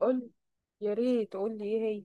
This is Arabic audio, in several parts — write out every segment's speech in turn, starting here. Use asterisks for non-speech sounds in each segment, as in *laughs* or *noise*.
قول. يا ريت قول لي ايه هي؟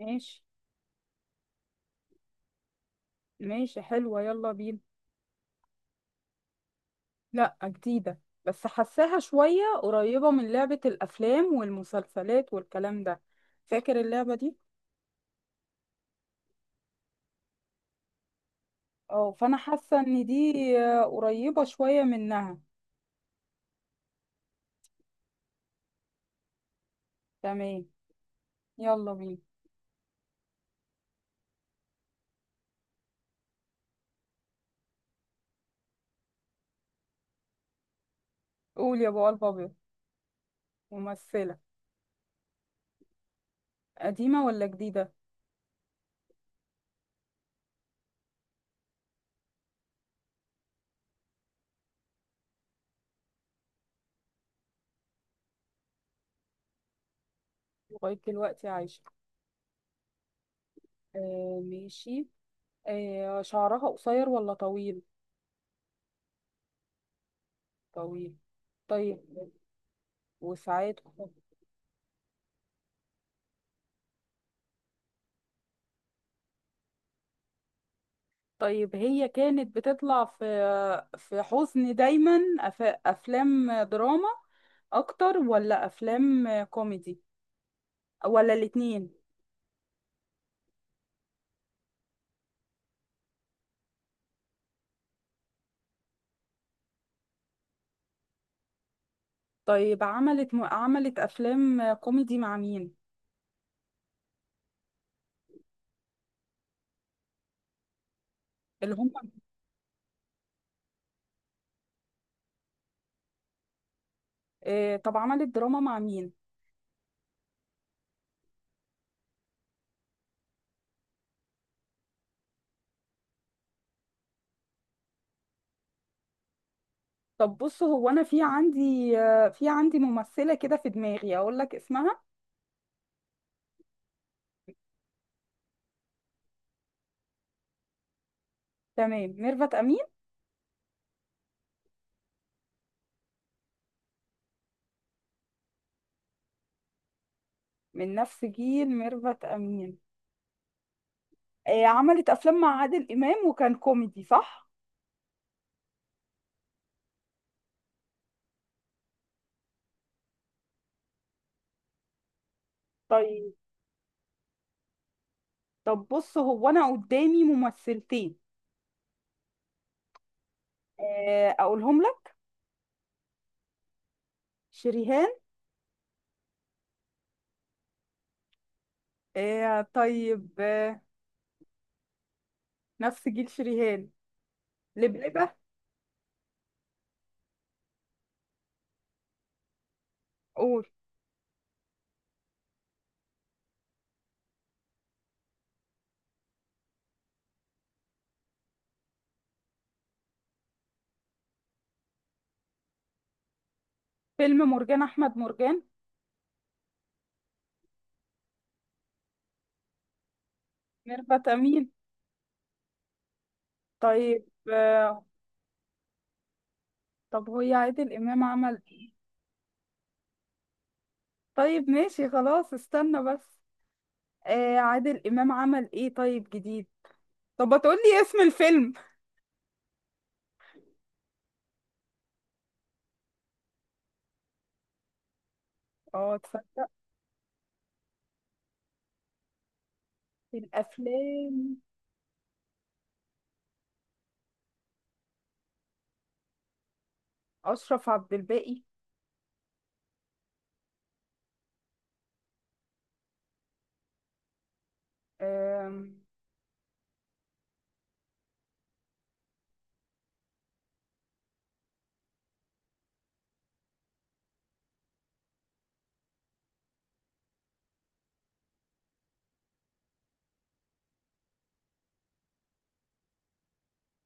ماشي، ماشي، حلوة. يلا بينا. لا، جديدة بس حساها شوية قريبة من لعبة الأفلام والمسلسلات والكلام ده. فاكر اللعبة دي؟ اه، فأنا حاسة إن دي. آه، قريبة شوية منها. تمام. يلا بينا. قول، يا أبو قلب أبيض. ممثلة. قديمة ولا جديدة؟ لغاية دلوقتي عايشة. آه، ماشي. آه، شعرها قصير ولا طويل؟ طويل. طيب. وساعات. طيب، هي كانت بتطلع في حزن دايما، افلام دراما اكتر ولا افلام كوميدي ولا الاتنين؟ طيب، عملت افلام كوميدي مع مين؟ اللي هم. آه، طب عملت دراما مع مين؟ طب بص، هو انا في عندي ممثلة كده في دماغي، اقول لك اسمها. تمام. ميرفت امين. من نفس جيل ميرفت امين. آه، عملت افلام مع عادل امام وكان كوميدي، صح؟ طيب. طب بص، هو انا قدامي ممثلتين. آه، اقولهم لك. شريهان. آه، طيب. نفس جيل شريهان. لبلبة. قول. فيلم مرجان احمد مرجان. ميرفت امين. طيب. طب هو عادل امام عمل ايه؟ طيب، ماشي، خلاص، استنى بس. آه، عادل امام عمل ايه طيب جديد؟ طب هتقولي اسم الفيلم؟ اه، تصدق. الافلام. اشرف عبد الباقي. آم،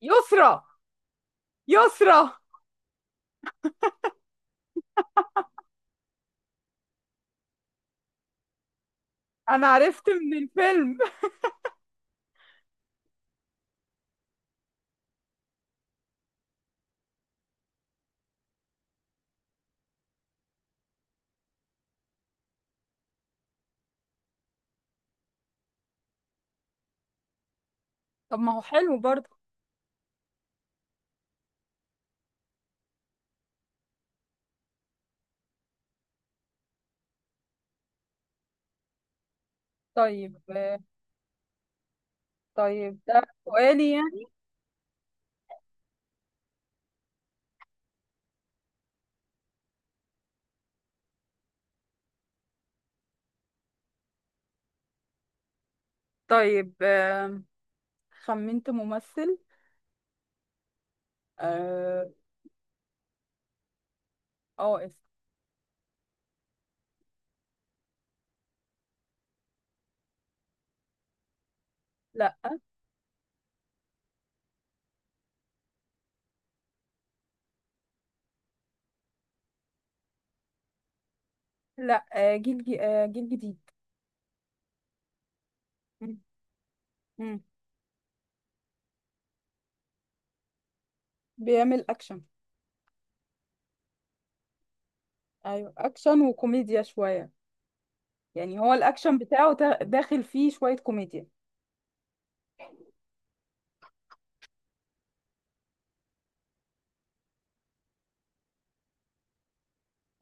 يسرى. يسرى. انا عرفت من الفيلم. طب ما هو حلو برضه. طيب. طيب ده سؤالي يعني. طيب. خمنت ممثل. اه. آه، اسم. لا، لا، آه، جيل جيل جديد. مم. مم. بيعمل اكشن. ايوه، اكشن وكوميديا شوية. يعني هو الاكشن بتاعه داخل فيه شوية كوميديا.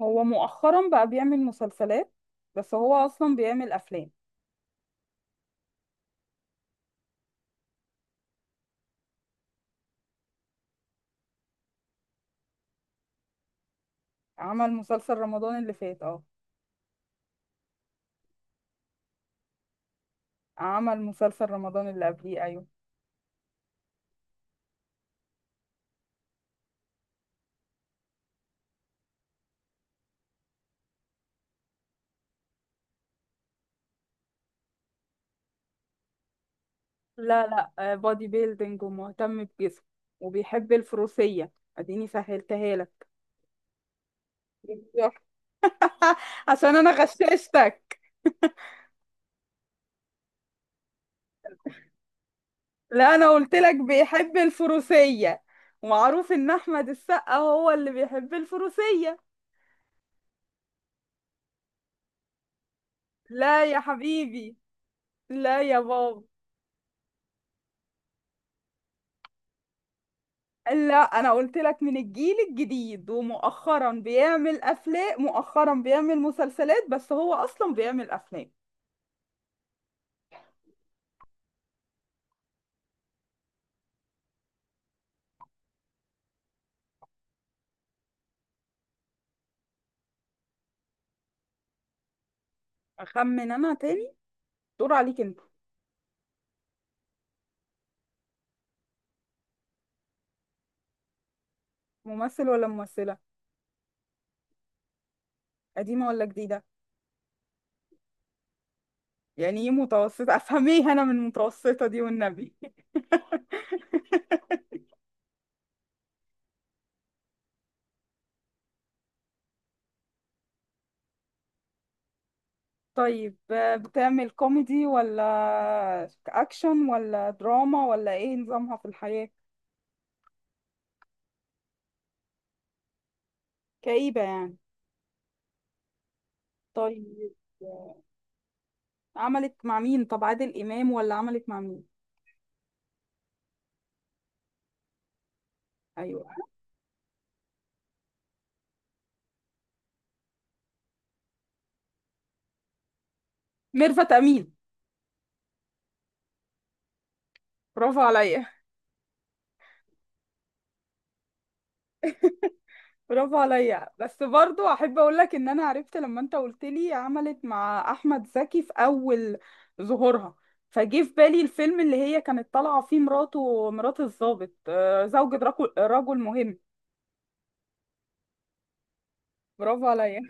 هو مؤخرا بقى بيعمل مسلسلات، بس هو اصلا بيعمل افلام. عمل مسلسل رمضان اللي فات، اه. عمل مسلسل رمضان اللي قبليه، ايوه. لا، لا، بودي بيلدينج ومهتم بجسمه. وبيحب الفروسية. اديني سهلتها لك. بالظبط. *laughs* عشان انا غششتك. لا، انا قلت لك بيحب الفروسية، ومعروف ان احمد السقا هو اللي بيحب الفروسية. لا يا حبيبي. لا يا بابا. لا، انا قلت لك من الجيل الجديد، ومؤخرا بيعمل افلام، مؤخرا بيعمل مسلسلات بس هو اصلا بيعمل افلام. اخمن انا تاني. دور عليك انت. ممثل ولا ممثلة؟ قديمة ولا جديدة؟ يعني ايه متوسطة، افهميه انا من متوسطة دي والنبي. *laughs* طيب، بتعمل كوميدي ولا اكشن ولا دراما ولا ايه نظامها في الحياة؟ كئيبة يعني. طيب. عملت مع مين؟ طب عادل امام ولا عملت مع مين؟ ايوه. ميرفت امين. برافو عليا. برافو عليا، بس برضو احب اقول لك ان انا عرفت لما انت قلت لي عملت مع احمد زكي في اول ظهورها. فجه في بالي الفيلم اللي هي كانت طالعه فيه مراته مرات الضابط، زوجة رجل مهم. برافو عليا.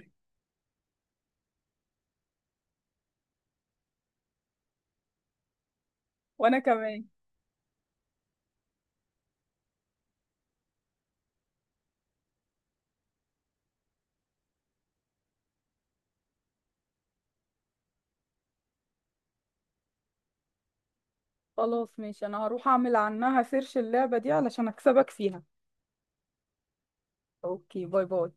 وانا كمان. خلاص ماشي، انا هروح اعمل عنها سيرش اللعبه دي علشان اكسبك فيها. اوكي، باي باي.